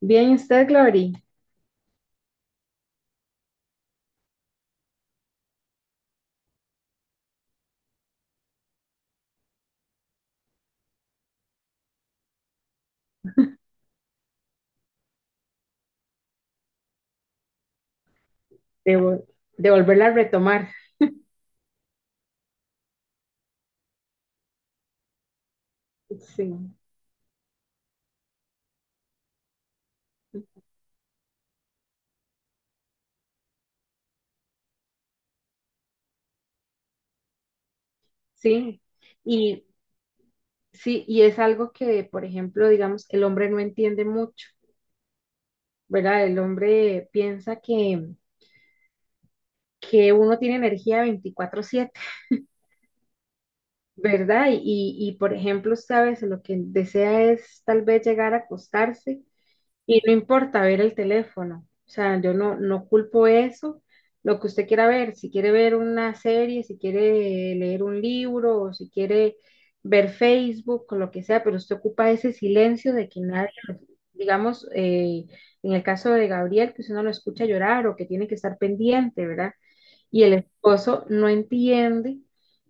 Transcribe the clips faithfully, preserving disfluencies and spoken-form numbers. Bien, ¿y usted, Glory, de, devolverla a retomar? Sí, sí. Y sí, y es algo que, por ejemplo, digamos, el hombre no entiende mucho, ¿verdad? El hombre piensa que, que uno tiene energía veinticuatro siete, ¿verdad? Y, y, por ejemplo, usted a veces lo que desea es tal vez llegar a acostarse. Y no importa ver el teléfono, o sea, yo no, no culpo eso, lo que usted quiera ver, si quiere ver una serie, si quiere leer un libro o si quiere ver Facebook o lo que sea, pero usted ocupa ese silencio de que nadie, lo- digamos, eh, en el caso de Gabriel, que usted no lo escucha llorar o que tiene que estar pendiente, ¿verdad? Y el esposo no entiende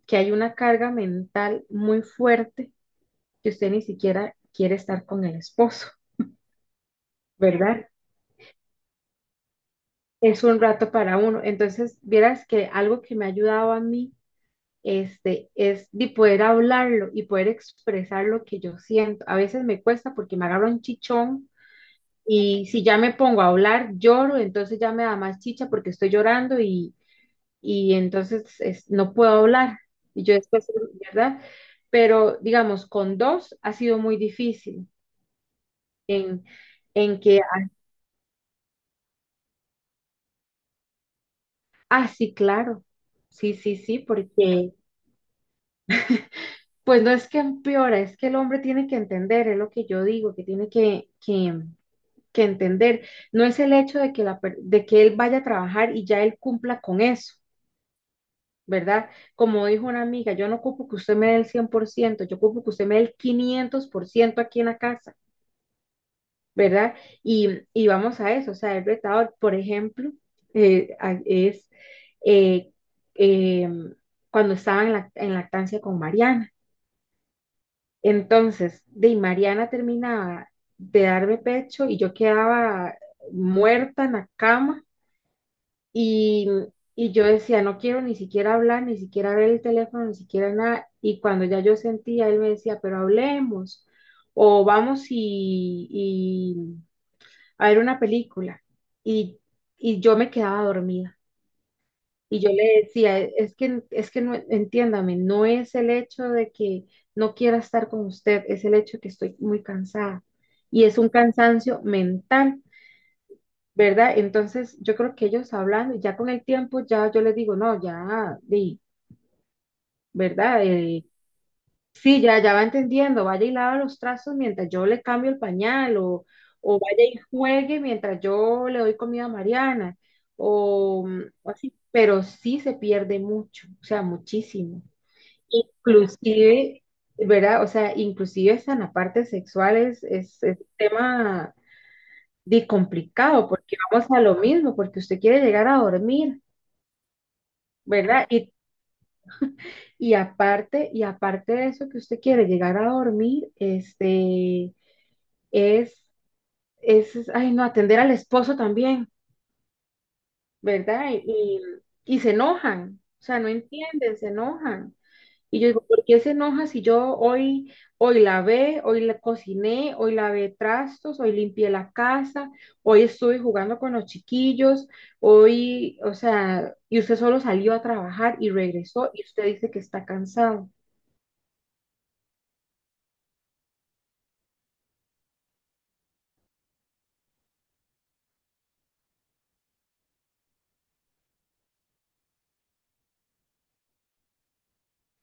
que hay una carga mental muy fuerte, que usted ni siquiera quiere estar con el esposo, ¿verdad? Es un rato para uno. Entonces, vieras que algo que me ha ayudado a mí este, es de poder hablarlo y poder expresar lo que yo siento. A veces me cuesta porque me agarro un chichón, y si ya me pongo a hablar, lloro, entonces ya me da más chicha porque estoy llorando y, y entonces es- no puedo hablar. Y yo después, ¿verdad? Pero digamos, con dos ha sido muy difícil en, en que, ah, sí, claro, sí, sí, sí, porque... Pues no es que empeora, es que el hombre tiene que entender, es lo que yo digo, que tiene que, que, que entender. No es el hecho de que, la, per- de que él vaya a trabajar y ya él cumpla con eso, ¿verdad? Como dijo una amiga, yo no ocupo que usted me dé el cien por ciento, yo ocupo que usted me dé el quinientos por ciento aquí en la casa, ¿verdad? Y, y vamos a eso, o sea, el retador, por ejemplo, eh, a- es eh, eh, cuando estaba en, la, en lactancia con Mariana. Entonces, de Mariana terminaba de darme pecho y yo quedaba muerta en la cama y, y yo decía, no quiero ni siquiera hablar, ni siquiera ver el teléfono, ni siquiera nada. Y cuando ya yo sentía, él me decía, pero hablemos o vamos y, y a ver una película. Y, y yo me quedaba dormida. Y yo le decía, "E, es que, es que no, entiéndame, no es el hecho de que no quiera estar con usted, es el hecho de que estoy muy cansada". Y es un cansancio mental, ¿verdad? Entonces, yo creo que ellos hablando, ya con el tiempo, ya yo les digo, no, ya, di, ¿verdad? Eh, Sí, ya, ya va entendiendo. Vaya y lava los trazos mientras yo le cambio el pañal, o, o vaya y juegue mientras yo le doy comida a Mariana, o, o así. Pero sí se pierde mucho, o sea, muchísimo. Inclusive, ¿verdad? O sea, inclusive esa en la parte sexual es, es, es un tema de complicado, porque vamos a lo mismo, porque usted quiere llegar a dormir, ¿verdad? Y, y aparte, y aparte de eso que usted quiere llegar a dormir, este es, es, ay, no, atender al esposo también, ¿verdad? Y, y se enojan, o sea, no entienden, se enojan. Y yo digo, ¿por qué se enoja si yo hoy, hoy lavé, hoy la cociné, hoy lavé trastos, hoy limpié la casa, hoy estuve jugando con los chiquillos, hoy, o sea, y usted solo salió a trabajar y regresó y usted dice que está cansado.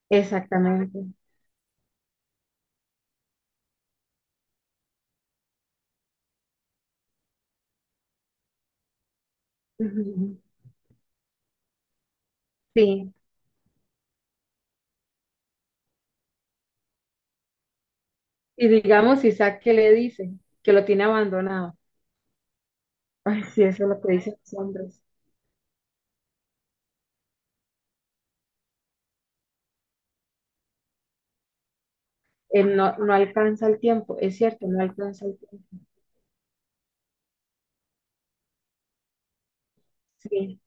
Exactamente. Ujú. Sí. Y digamos, Isaac, ¿qué le dice? Que lo tiene abandonado. Ay, sí, eso es lo que dicen los hombres. Él no, no alcanza el tiempo, es cierto, no alcanza el tiempo. Sí.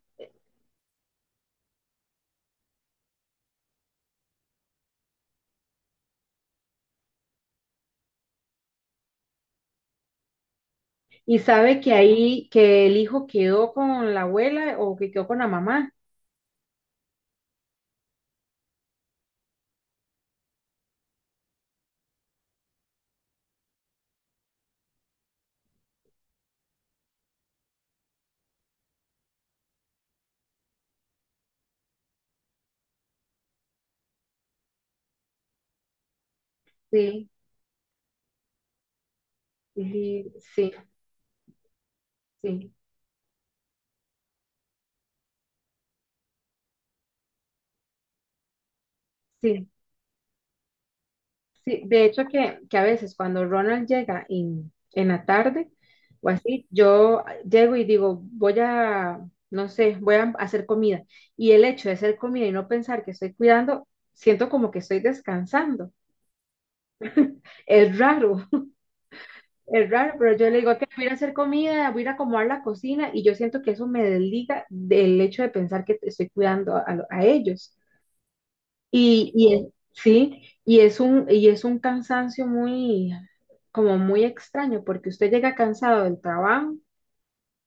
Y sabe que ahí, que el hijo quedó con la abuela o que quedó con la mamá. Sí, sí, sí, sí, sí. Sí. De hecho, que, que a veces cuando Ronald llega en, en la tarde o así, yo llego y digo, voy a, no sé, voy a hacer comida. Y el hecho de hacer comida y no pensar que estoy cuidando, siento como que estoy descansando. Es raro. Es raro, pero yo le digo que voy a ir a hacer comida, voy a ir a acomodar la cocina y yo siento que eso me desliga del hecho de pensar que estoy cuidando a, lo- a ellos. Y, y es- sí, y es un, y es un cansancio muy, como muy extraño, porque usted llega cansado del trabajo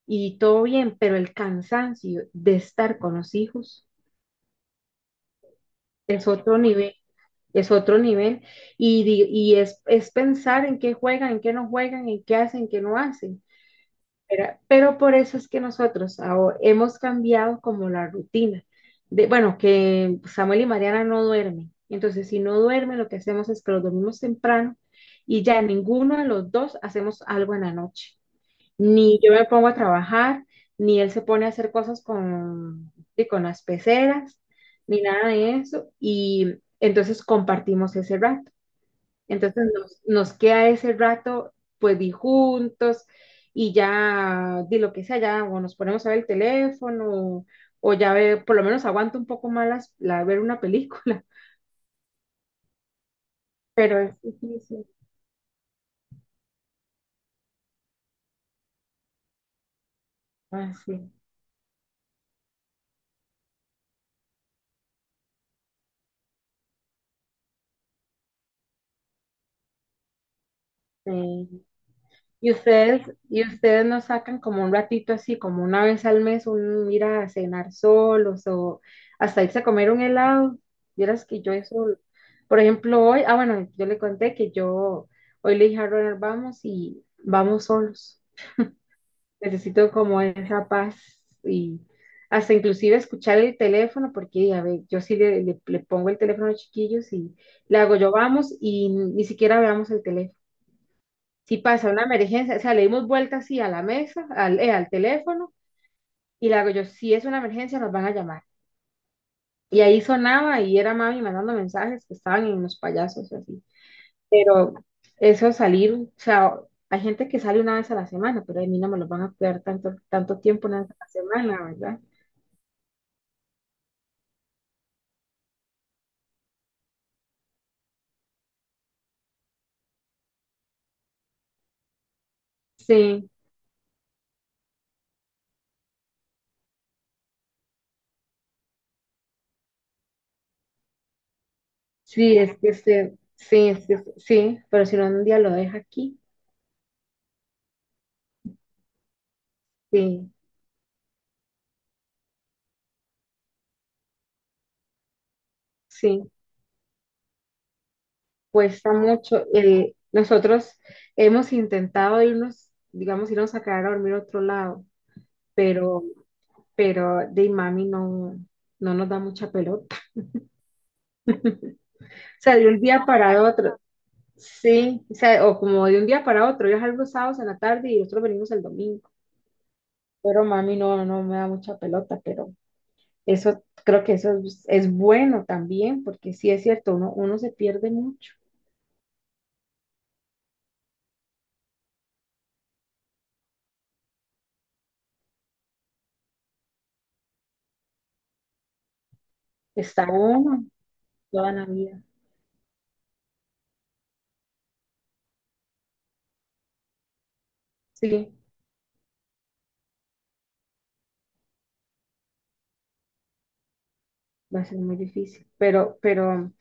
y todo bien, pero el cansancio de estar con los hijos es otro nivel, es otro nivel. Y, di- y es, es pensar en qué juegan, en qué no juegan, en qué hacen, en qué no hacen. Pero, pero por eso es que nosotros aho- hemos cambiado como la rutina. De, bueno, que Samuel y Mariana no duermen. Entonces, si no duermen, lo que hacemos es que los dormimos temprano y ya ninguno de los dos hacemos algo en la noche. Ni yo me pongo a trabajar, ni él se pone a hacer cosas con, y con las peceras, ni nada de eso. Y entonces compartimos ese rato. Entonces nos, nos queda ese rato, pues, di juntos, y ya di lo que sea, ya o nos ponemos a ver el teléfono o ya ve, por lo menos aguanto un poco más las- la, ver una película, pero es difícil. Ah, sí, sí. Y ustedes, y ustedes no sacan como un ratito así, como una vez al mes, un ir a cenar solos o hasta irse a comer un helado. Vieras que yo eso, por ejemplo, hoy, ah, bueno, yo le conté que yo hoy le dije a Ronald, vamos y vamos solos. Necesito como esa paz y hasta inclusive escuchar el teléfono, porque a ver, yo sí le, le- le pongo el teléfono a los chiquillos y le hago yo vamos y ni siquiera veamos el teléfono. Si pasa una emergencia, o sea, le dimos vuelta así a la mesa, al, eh, al teléfono, y le hago yo, si es una emergencia, nos van a llamar. Y ahí sonaba y era mami mandando mensajes que estaban en los payasos y así. Pero eso salir, o sea, hay gente que sale una vez a la semana, pero a mí no me lo van a cuidar tanto, tanto tiempo una vez a la semana, ¿verdad? Sí, sí, es que se- sí, es que- sí, pero si no un día lo deja aquí, sí, sí. Cuesta mucho. El, nosotros hemos intentado irnos, digamos, irnos a quedar a dormir a otro lado, pero, pero de mami no, no nos da mucha pelota. O sea, de un día para otro, sí, o sea, o como de un día para otro, yo salgo los sábados en la tarde y nosotros venimos el domingo, pero mami no, no me da mucha pelota, pero eso, creo que eso es, es bueno también, porque sí es cierto, uno, uno se pierde mucho, está uno toda la vida, sí. Va a ser muy difícil, pero, pero,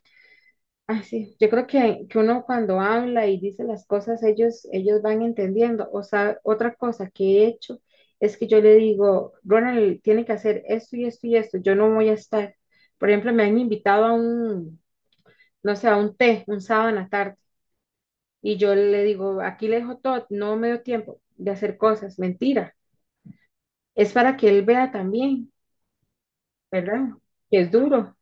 ah, sí, yo creo que, que uno cuando habla y dice las cosas, ellos, ellos van entendiendo. O sea, otra cosa que he hecho es que yo le digo, Ronald, tiene que hacer esto y esto y esto, yo no voy a estar. Por ejemplo, me han invitado a un, no sé, a un té, un sábado en la tarde, y yo le digo, aquí le dejo todo, no me dio tiempo de hacer cosas, mentira. Es para que él vea también, ¿verdad? Que es duro.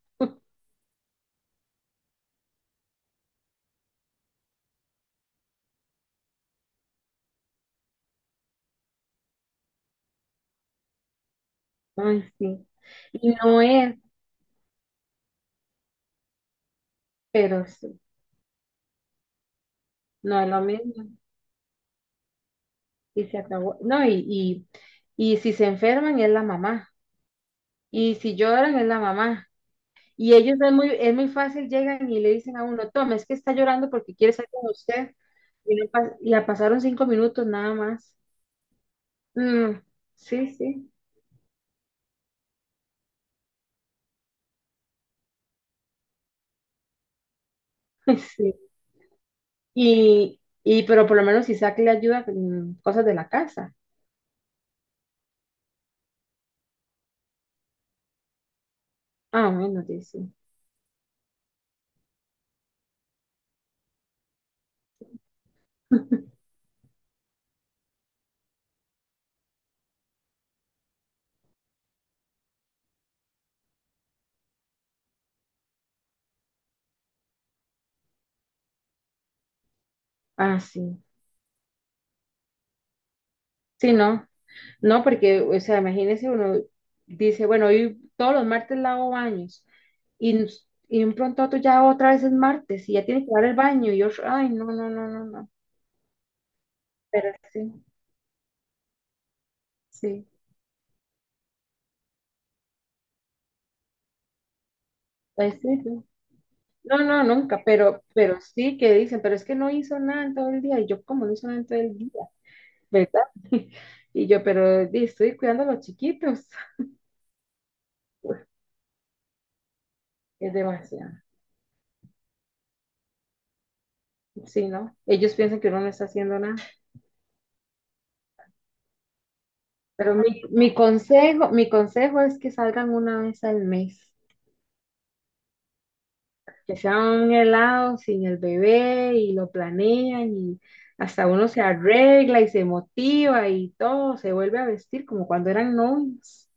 Ay, sí. Y no es, pero sí. No es lo mismo. Y se acabó. No, y, y, y si se enferman es la mamá. Y si lloran es la mamá. Y ellos es muy, es muy fácil, llegan y le dicen a uno, toma, es que está llorando porque quiere estar con usted. Y no pas- y la pasaron cinco minutos nada más. Mm, sí, sí, sí. Y, y pero por lo menos Isaac le ayuda con cosas de la casa. Ah, bueno, dice. Ah, sí. Sí, no. No, porque, o sea, imagínese uno dice, bueno, hoy todos los martes lavo baños y, nos- y de un pronto a otro ya otra vez es martes y ya tiene que lavar el baño y yo, ay, no, no, no, no, no, pero sí, sí, pues sí, sí. No, no, nunca, pero, pero sí que dicen, pero es que no hizo nada en todo el día y yo, como no hizo nada en todo el día? ¿Verdad? Y yo, pero di, estoy cuidando a los chiquitos. Es demasiado. Sí, ¿no? Ellos piensan que uno no está haciendo nada. Pero mi, mi consejo, mi consejo es que salgan una vez al mes, que sea un helado sin el bebé y lo planean y hasta uno se arregla y se motiva y todo, se vuelve a vestir como cuando eran novios.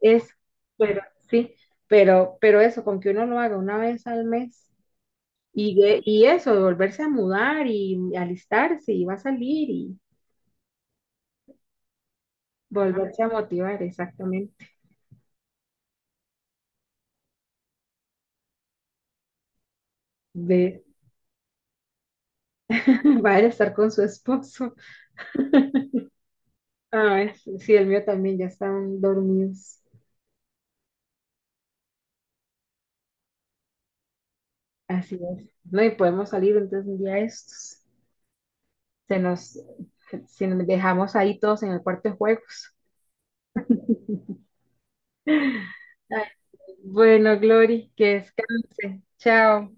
Es, pero sí, pero, pero eso, con que uno lo haga una vez al mes y, de- y eso, de volverse a mudar y alistarse y va a salir y volverse a motivar, exactamente, de va a estar con su esposo. Ah, es- sí, el mío también, ya están dormidos. Así es. No, y podemos salir entonces un día de estos. Se nos, si nos dejamos ahí todos en el cuarto de juegos. Ay, bueno, Glory, que descanse. Chao.